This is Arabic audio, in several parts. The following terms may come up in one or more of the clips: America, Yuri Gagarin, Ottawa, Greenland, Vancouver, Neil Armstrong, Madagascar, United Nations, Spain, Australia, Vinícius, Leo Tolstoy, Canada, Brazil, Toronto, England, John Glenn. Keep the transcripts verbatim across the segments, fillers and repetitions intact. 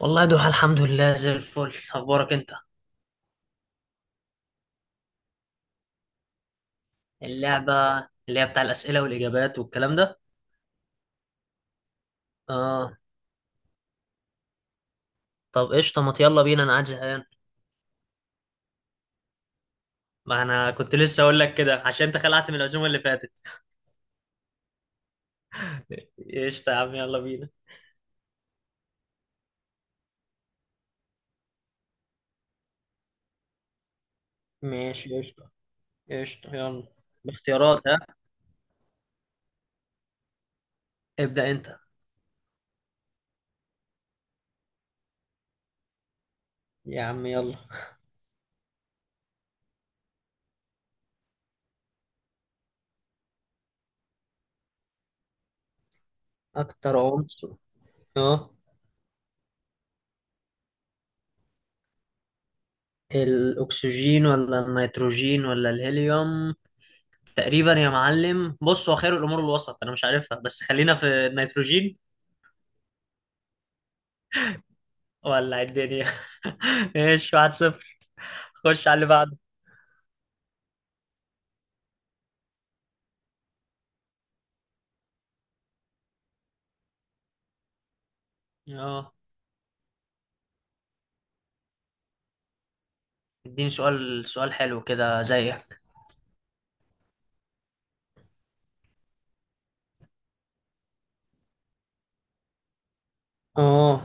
والله يا دوحة، الحمد لله زي الفل. اخبارك انت؟ اللعبة اللي هي بتاع الأسئلة والإجابات والكلام ده؟ اه. طب قشطة، ما يلا بينا انا قاعد زهقان. ما انا كنت لسه اقول لك كده عشان انت خلعت من العزومة اللي فاتت قشطة يا عم يلا بينا. ماشي قشطة. قشطة يلا باختيارات ها. ابدأ انت. يا عم يلا. اكتر عنصر، اه. الاكسجين ولا النيتروجين ولا الهيليوم؟ تقريبا يا معلم، بص هو خير الامور الوسط. انا مش عارفها بس خلينا في النيتروجين. ولع الدنيا ايش، واحد صفر. خش على اللي بعده. اه، اديني سؤال سؤال حلو كده زيك. اه،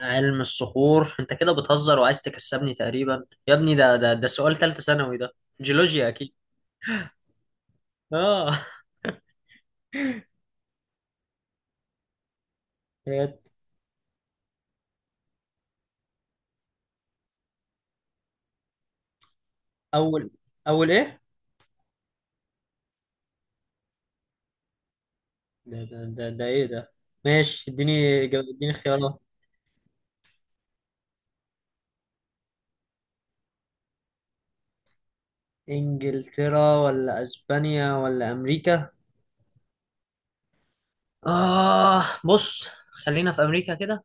علم الصخور؟ انت كده بتهزر وعايز تكسبني. تقريبا يا ابني ده ده ده سؤال ثالثة ثانوي ده. جيولوجيا اكيد. اه، إيه؟ اول اول ايه؟ ده ده ده، ده ايه ده؟ ماشي اديني. إجابة- اديني خيارات. انجلترا ولا اسبانيا ولا امريكا؟ اه بص، خلينا في امريكا كده.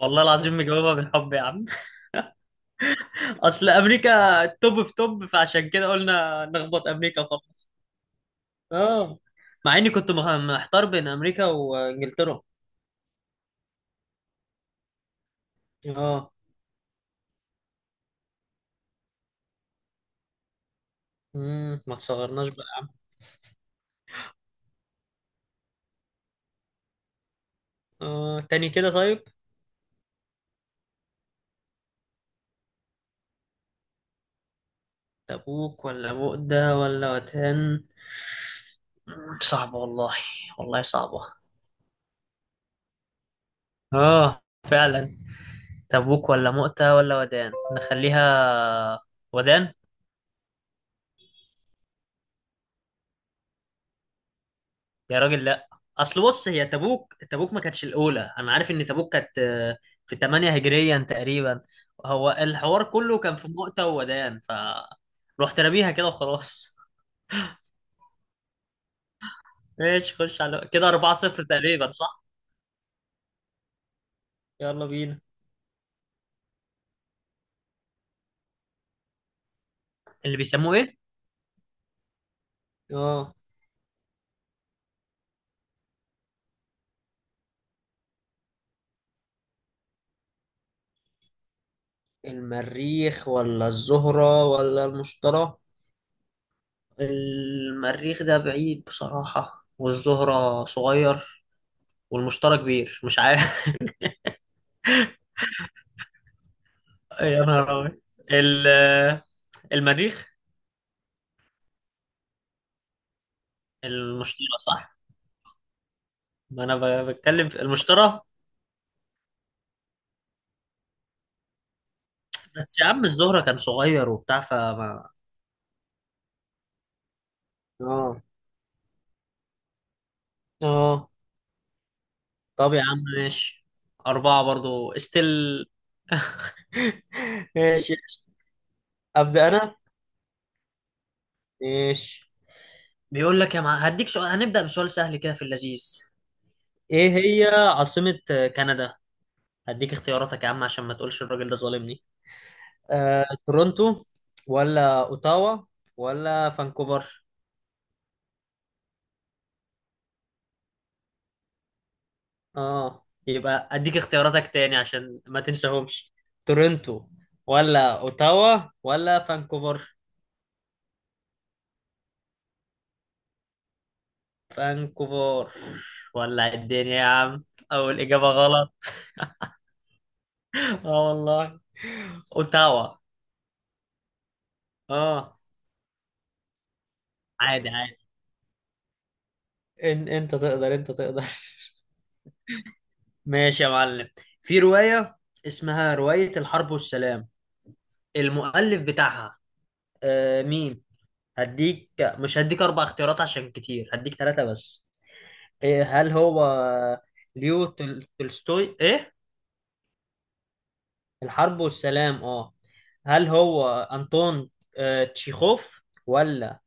والله العظيم مجاوبها بالحب يا عم. اصل امريكا توب في توب، فعشان كده قلنا نخبط امريكا خالص. اه، مع اني كنت مخ- محتار بين امريكا وانجلترا. اه. امم ما تصغرناش بقى. اه تاني كده طيب. تبوك ولا بؤدة ولا وتان؟ مم، صعبة والله. والله صعبة. اه فعلا. تبوك ولا مؤتة ولا ودان، نخليها ودان. يا راجل لا، اصل بص هي تبوك تبوك ما كانتش الاولى. انا عارف ان تبوك كانت آه، في ثمانية هجريا تقريبا. هو الحوار كله كان في مؤتة وودان، ف رحت راميها كده وخلاص ماشي خش على كده. اربعة لا شيء تقريبا صح. يلا بينا. اللي بيسموه ايه؟ اه. المريخ ولا الزهرة ولا المشتري؟ المريخ ده بعيد بصراحة، والزهرة صغير، والمشتري كبير. مش عارف يا نهار أبيض. ال- آه، المريخ. المشترى صح. ما انا ب- بتكلم في المشترى. بس يا عم الزهرة كان صغير وبتاع فما. اه. اه طب يا عم ماشي. أربعة برضو استل ماشي. ابدا انا. ماشي بيقول لك يا مع... هديك سؤال. هنبدأ بسؤال سهل كده في اللذيذ. ايه هي عاصمة كندا؟ هديك اختياراتك يا عم عشان ما تقولش الراجل ده ظالمني. آه، تورونتو ولا اوتاوا ولا فانكوفر؟ اه، يبقى اديك اختياراتك تاني عشان ما تنساهمش. تورنتو ولا اوتاوا ولا فانكوفر؟ فانكوفر؟ ولا الدنيا يا عم، اول اجابه غلط. اه والله. اوتاوا. اه. عادي عادي، إن انت تقدر انت تقدر. ماشي يا معلم، في روايه اسمها روايه الحرب والسلام، المؤلف بتاعها آه مين؟ هديك، مش هديك اربع اختيارات عشان كتير، هديك ثلاثه بس. إيه، هل هو ليو تل- تولستوي ايه؟ الحرب والسلام. اه، هل هو انطون آه، تشيخوف ولا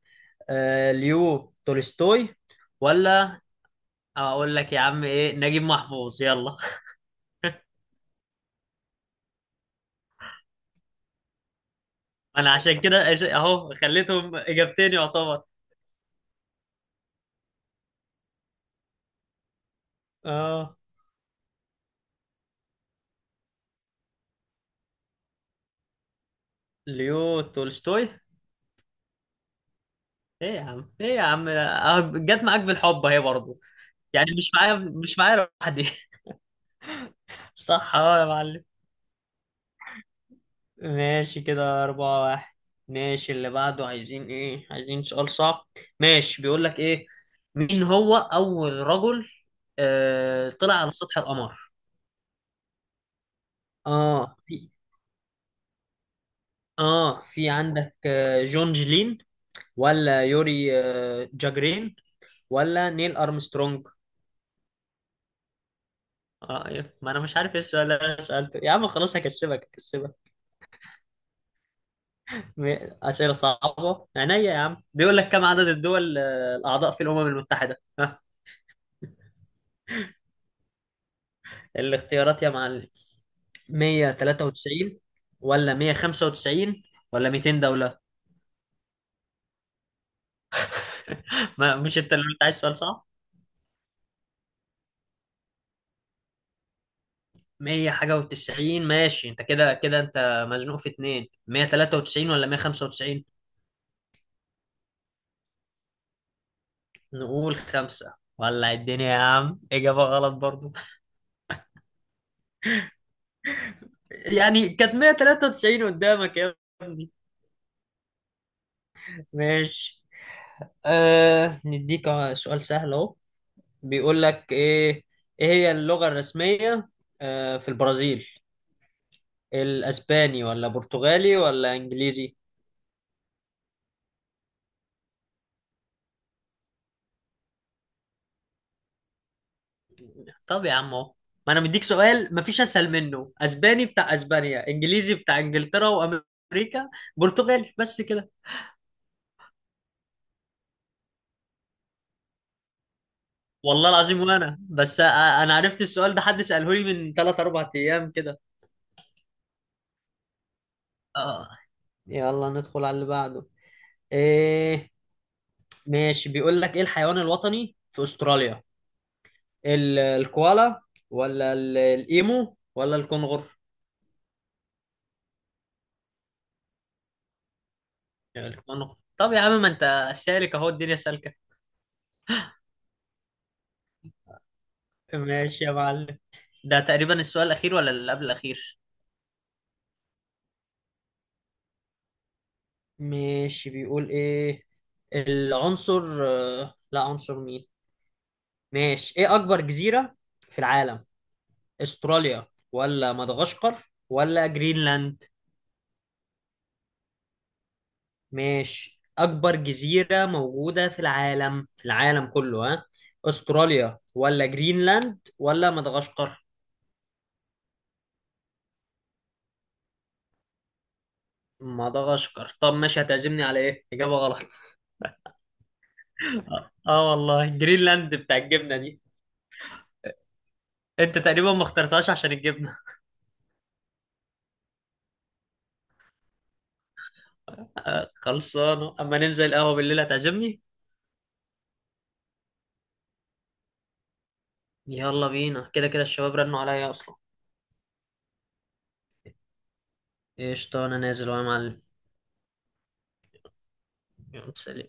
آه، ليو تولستوي ولا، اقول لك يا عم ايه، نجيب محفوظ يلا؟ انا عشان كده أش- اهو خليتهم اجابتين يعتبر. اه، ليو تولستوي. ايه يا عم ايه يا عم، أهو جت معاك بالحب اهي برضه. يعني مش معايا، مش معايا لوحدي صح. اه يا معلم، ماشي كده أربعة واحد. ماشي اللي بعده، عايزين إيه؟ عايزين سؤال صعب. ماشي بيقول لك إيه، مين هو أول رجل آه طلع على سطح القمر؟ آه في آه في عندك آه جون جلين، ولا يوري آه جاجرين، ولا نيل أرمسترونج؟ آه إيه؟ ما أنا مش عارف إيه السؤال اللي أنا سألته يا عم، خلاص هكسبك هكسبك. م- أسئلة صعبة عينيا يا عم، بيقول لك كم عدد الدول آه الأعضاء في الأمم المتحدة؟ الاختيارات يا معلم. مية وتلاتة وتسعين ولا مية وخمسة وتسعين ولا ميتين دولة؟ ما مش انت اللي انت عايز سؤال صعب. مية حاجة و90، ماشي. انت كده كده انت مزنوق في اتنين، مية وتلاتة وتسعين ولا مية وخمسة وتسعين. نقول خمسة. ولع الدنيا يا عم، إجابة غلط برضو. يعني كانت مية وتلاتة وتسعين قدامك يا ابني. ماشي. آه نديك سؤال سهل اهو. بيقول لك ايه، ايه هي اللغة الرسمية آه في البرازيل؟ الاسباني ولا برتغالي ولا انجليزي؟ طب يا عم اهو، ما انا مديك سؤال مفيش اسهل منه. اسباني بتاع اسبانيا، انجليزي بتاع انجلترا وامريكا، برتغالي بس كده. والله العظيم وانا بس أ- انا عرفت السؤال ده حد ساله لي من تلاتة اربعة ايام كده. اه يلا ندخل على اللي بعده. ايه؟ ماشي بيقول لك ايه، الحيوان الوطني في استراليا، ال- الكوالا ولا ال- الايمو ولا الكنغر؟ الكنغر. طب يا عم ما انت سالك اهو، الدنيا سالكه. ماشي يا معلم. ده تقريبا السؤال الأخير ولا اللي قبل الأخير؟ ماشي بيقول ايه، العنصر آه، لا، عنصر مين. ماشي، ايه اكبر جزيرة في العالم؟ استراليا ولا مدغشقر ولا جرينلاند؟ ماشي، اكبر جزيرة موجودة في العالم، في العالم كله ها. استراليا ولا جرينلاند ولا مدغشقر؟ مدغشقر. طب ماشي، هتعزمني على إيه؟ إجابة غلط اه والله، جرينلاند بتاع الجبنة دي. انت تقريبا ما اخترتهاش عشان الجبنه. آه، خلصانه، اما ننزل القهوه بالليل هتعزمني. يلا بينا، كده كده الشباب رنوا عليا اصلا. قشطه، انا نازل وانا معلم. يلا، سلام.